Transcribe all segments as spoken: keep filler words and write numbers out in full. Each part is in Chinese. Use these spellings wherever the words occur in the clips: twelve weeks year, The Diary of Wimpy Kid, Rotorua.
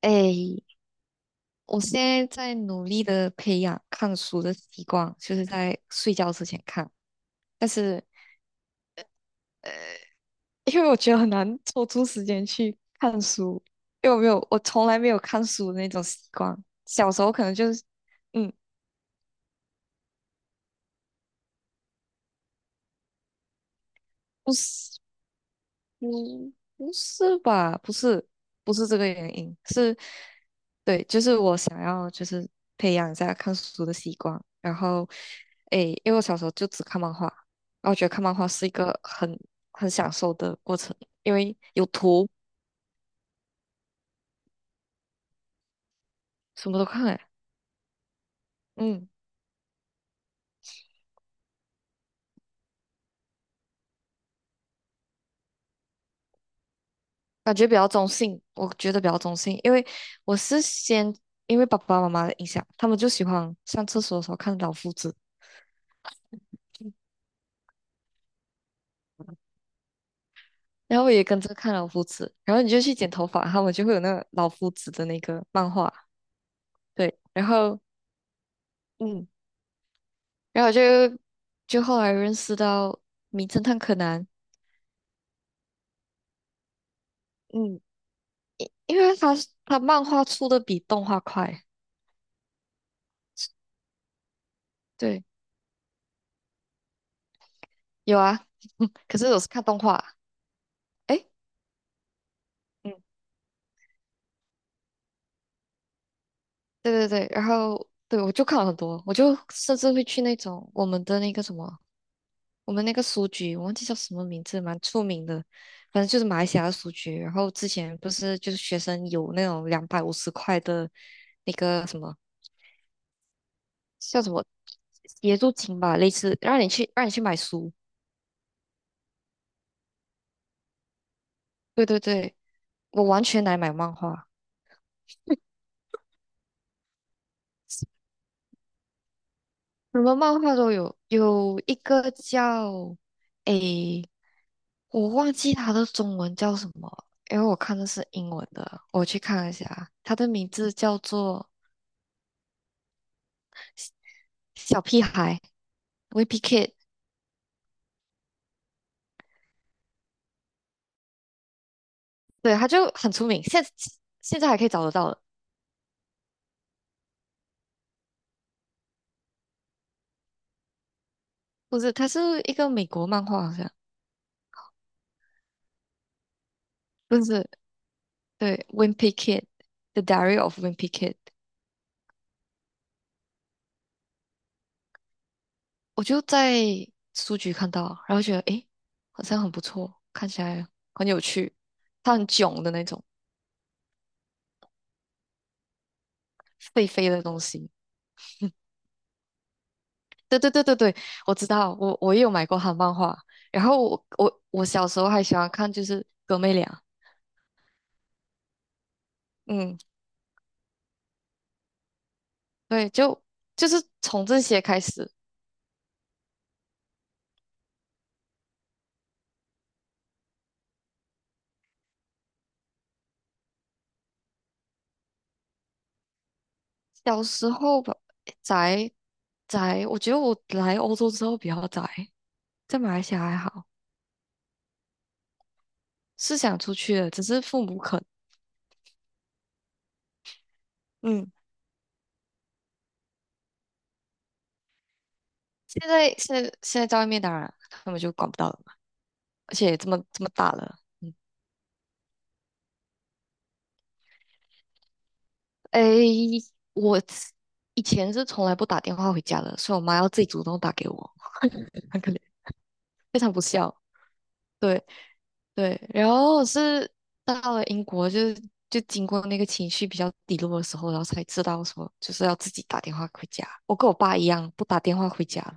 哎，我现在在努力的培养看书的习惯，就是在睡觉之前看。但是，呃，因为我觉得很难抽出时间去看书，因为我没有，我从来没有看书的那种习惯。小时候可能就是，嗯，不是。嗯，不是吧？不是，不是这个原因，是，对，就是我想要就是培养一下看书的习惯，然后，诶，因为我小时候就只看漫画，然后觉得看漫画是一个很很享受的过程，因为有图，什么都看，诶，嗯，感觉比较中性，我觉得比较中性，因为我是先因为爸爸妈妈的影响，他们就喜欢上厕所的时候看老夫子。然后我也跟着看老夫子，然后你就去剪头发，他们就会有那个老夫子的那个漫画，对，然后嗯，然后我就就后来认识到名侦探柯南，嗯，因为他他漫画出的比动画快，对，有啊，可是我是看动画，诶，嗯，对对对，然后对我就看了很多，我就甚至会去那种我们的那个什么我们那个书局，我忘记叫什么名字，蛮出名的，反正就是马来西亚的书局。然后之前不是就是学生有那种两百五十块的那个什么叫什么协助金吧，类似让你去让你去买书。对对对，我完全来买漫画，什么漫画都有，有一个叫诶，我忘记它的中文叫什么，因为我看的是英文的，我去看一下，它的名字叫做小屁孩。Wimpy Kid,对，他就很出名，现现在还可以找得到的。不是，他是一个美国漫画，好像不是。对，《Wimpy Kid》The Diary of Wimpy Kid,我就在书局看到，然后觉得诶，好像很不错，看起来很有趣。他很囧的那种，废废的东西。对对对对对，我知道，我我也有买过他的漫画。然后我我我小时候还喜欢看，就是哥妹俩。嗯，对，就就是从这些开始，小时候吧，宅宅，我觉得我来欧洲之后比较宅，在马来西亚还好，是想出去的，只是父母不肯。嗯，现在现在现在在外面，当然他们就管不到了嘛，而且这么这么大了，嗯，诶，我以前是从来不打电话回家的，所以我妈要自己主动打给我，很可怜，非常不孝。对。对，然后是到了英国就，是就经过那个情绪比较低落的时候，然后才知道说，就是要自己打电话回家。我跟我爸一样，不打电话回家了。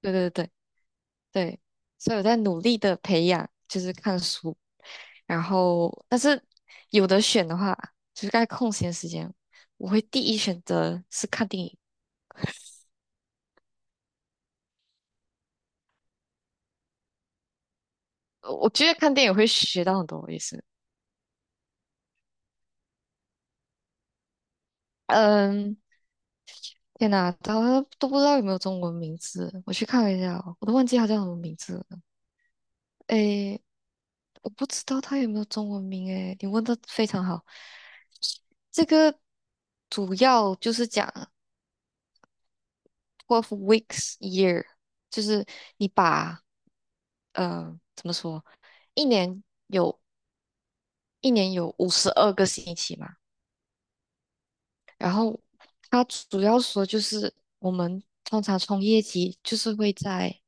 对对对对，所以我在努力的培养，就是看书，然后但是有的选的话，就是在空闲时间，我会第一选择是看电影。呃我觉得看电影会学到很多，也是，嗯，天哪，他都不知道有没有中文名字，我去看了一下哦我都忘记他叫什么名字了。诶，我不知道他有没有中文名，诶，你问的非常好。这个主要就是讲 twelve weeks year,就是你把呃怎么说，一年有一年有五十二个星期嘛，然后它主要说就是我们通常从业绩就是会在。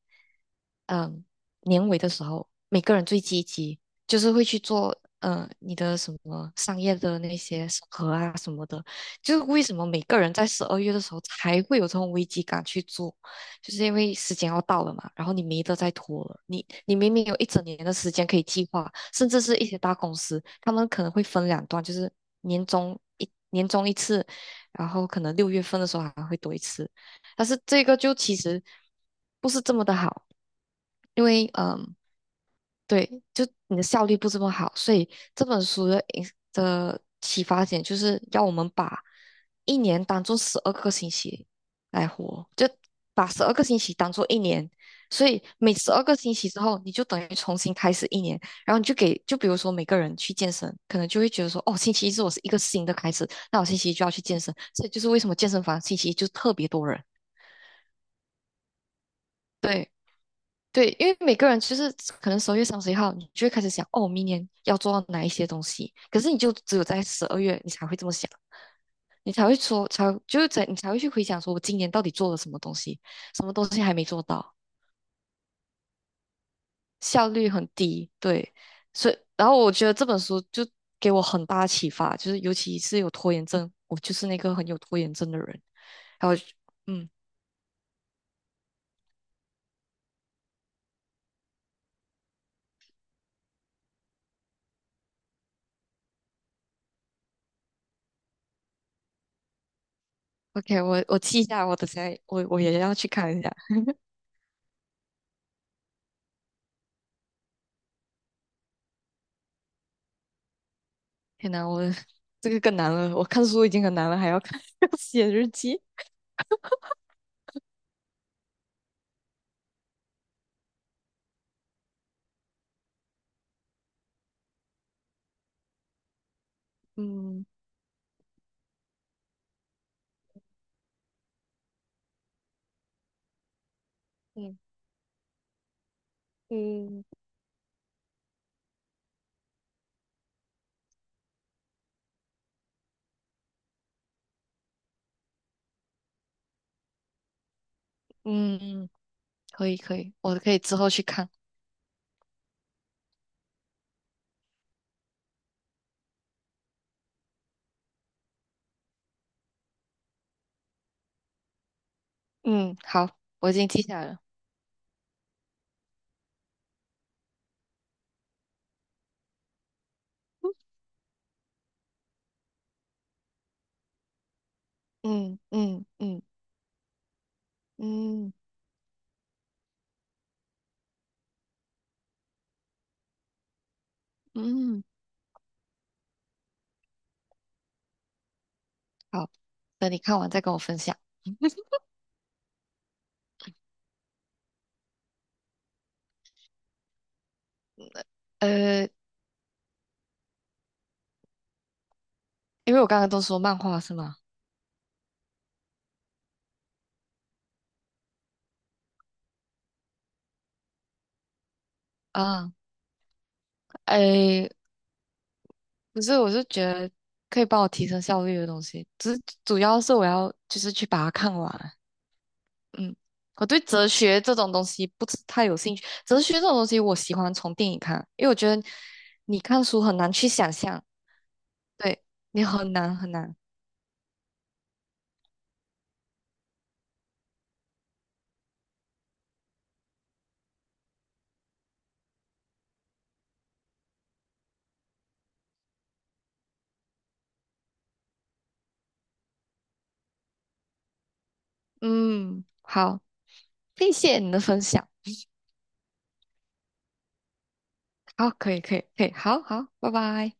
嗯，年尾的时候，每个人最积极，就是会去做，呃，你的什么商业的那些审核啊什么的，就是为什么每个人在十二月的时候才会有这种危机感去做，就是因为时间要到了嘛，然后你没得再拖了，你你明明有一整年的时间可以计划，甚至是一些大公司，他们可能会分两段，就是年终一年终一次，然后可能六月份的时候还会多一次，但是这个就其实不是这么的好。因为嗯，对，就你的效率不这么好，所以这本书的影的启发点就是要我们把一年当做十二个星期来活，就把十二个星期当做一年，所以每十二个星期之后，你就等于重新开始一年，然后你就给，就比如说每个人去健身，可能就会觉得说，哦，星期一是我是一个新的开始，那我星期一就要去健身，所以就是为什么健身房星期一就特别多人。对，对，因为每个人其实可能十二月三十一号，你就会开始想，哦，明年要做到哪一些东西。可是你就只有在十二月，你才会这么想，你才会说，才就是在你才会去回想，说我今年到底做了什么东西，什么东西还没做到，效率很低。对，所以然后我觉得这本书就给我很大的启发，就是尤其是有拖延症，我就是那个很有拖延症的人。然后，嗯，OK,我我记一下，我等下我我也要去看一下。天呐，我这个更难了。我看书已经很难了，还要看 要写日记。嗯嗯嗯嗯，嗯，可以可以，我可以之后去看。嗯，好，我已经记下来了。嗯嗯嗯嗯嗯，好，等你看完再跟我分享。呃，因为我刚刚都说漫画是吗？啊，诶，不是，我是觉得可以帮我提升效率的东西，只是主要是我要就是去把它看完。嗯，我对哲学这种东西不是太有兴趣。哲学这种东西，我喜欢从电影看，因为我觉得你看书很难去想象，对，你很难很难。嗯，好，谢谢你的分享。好，可以可以可以，好好，拜拜。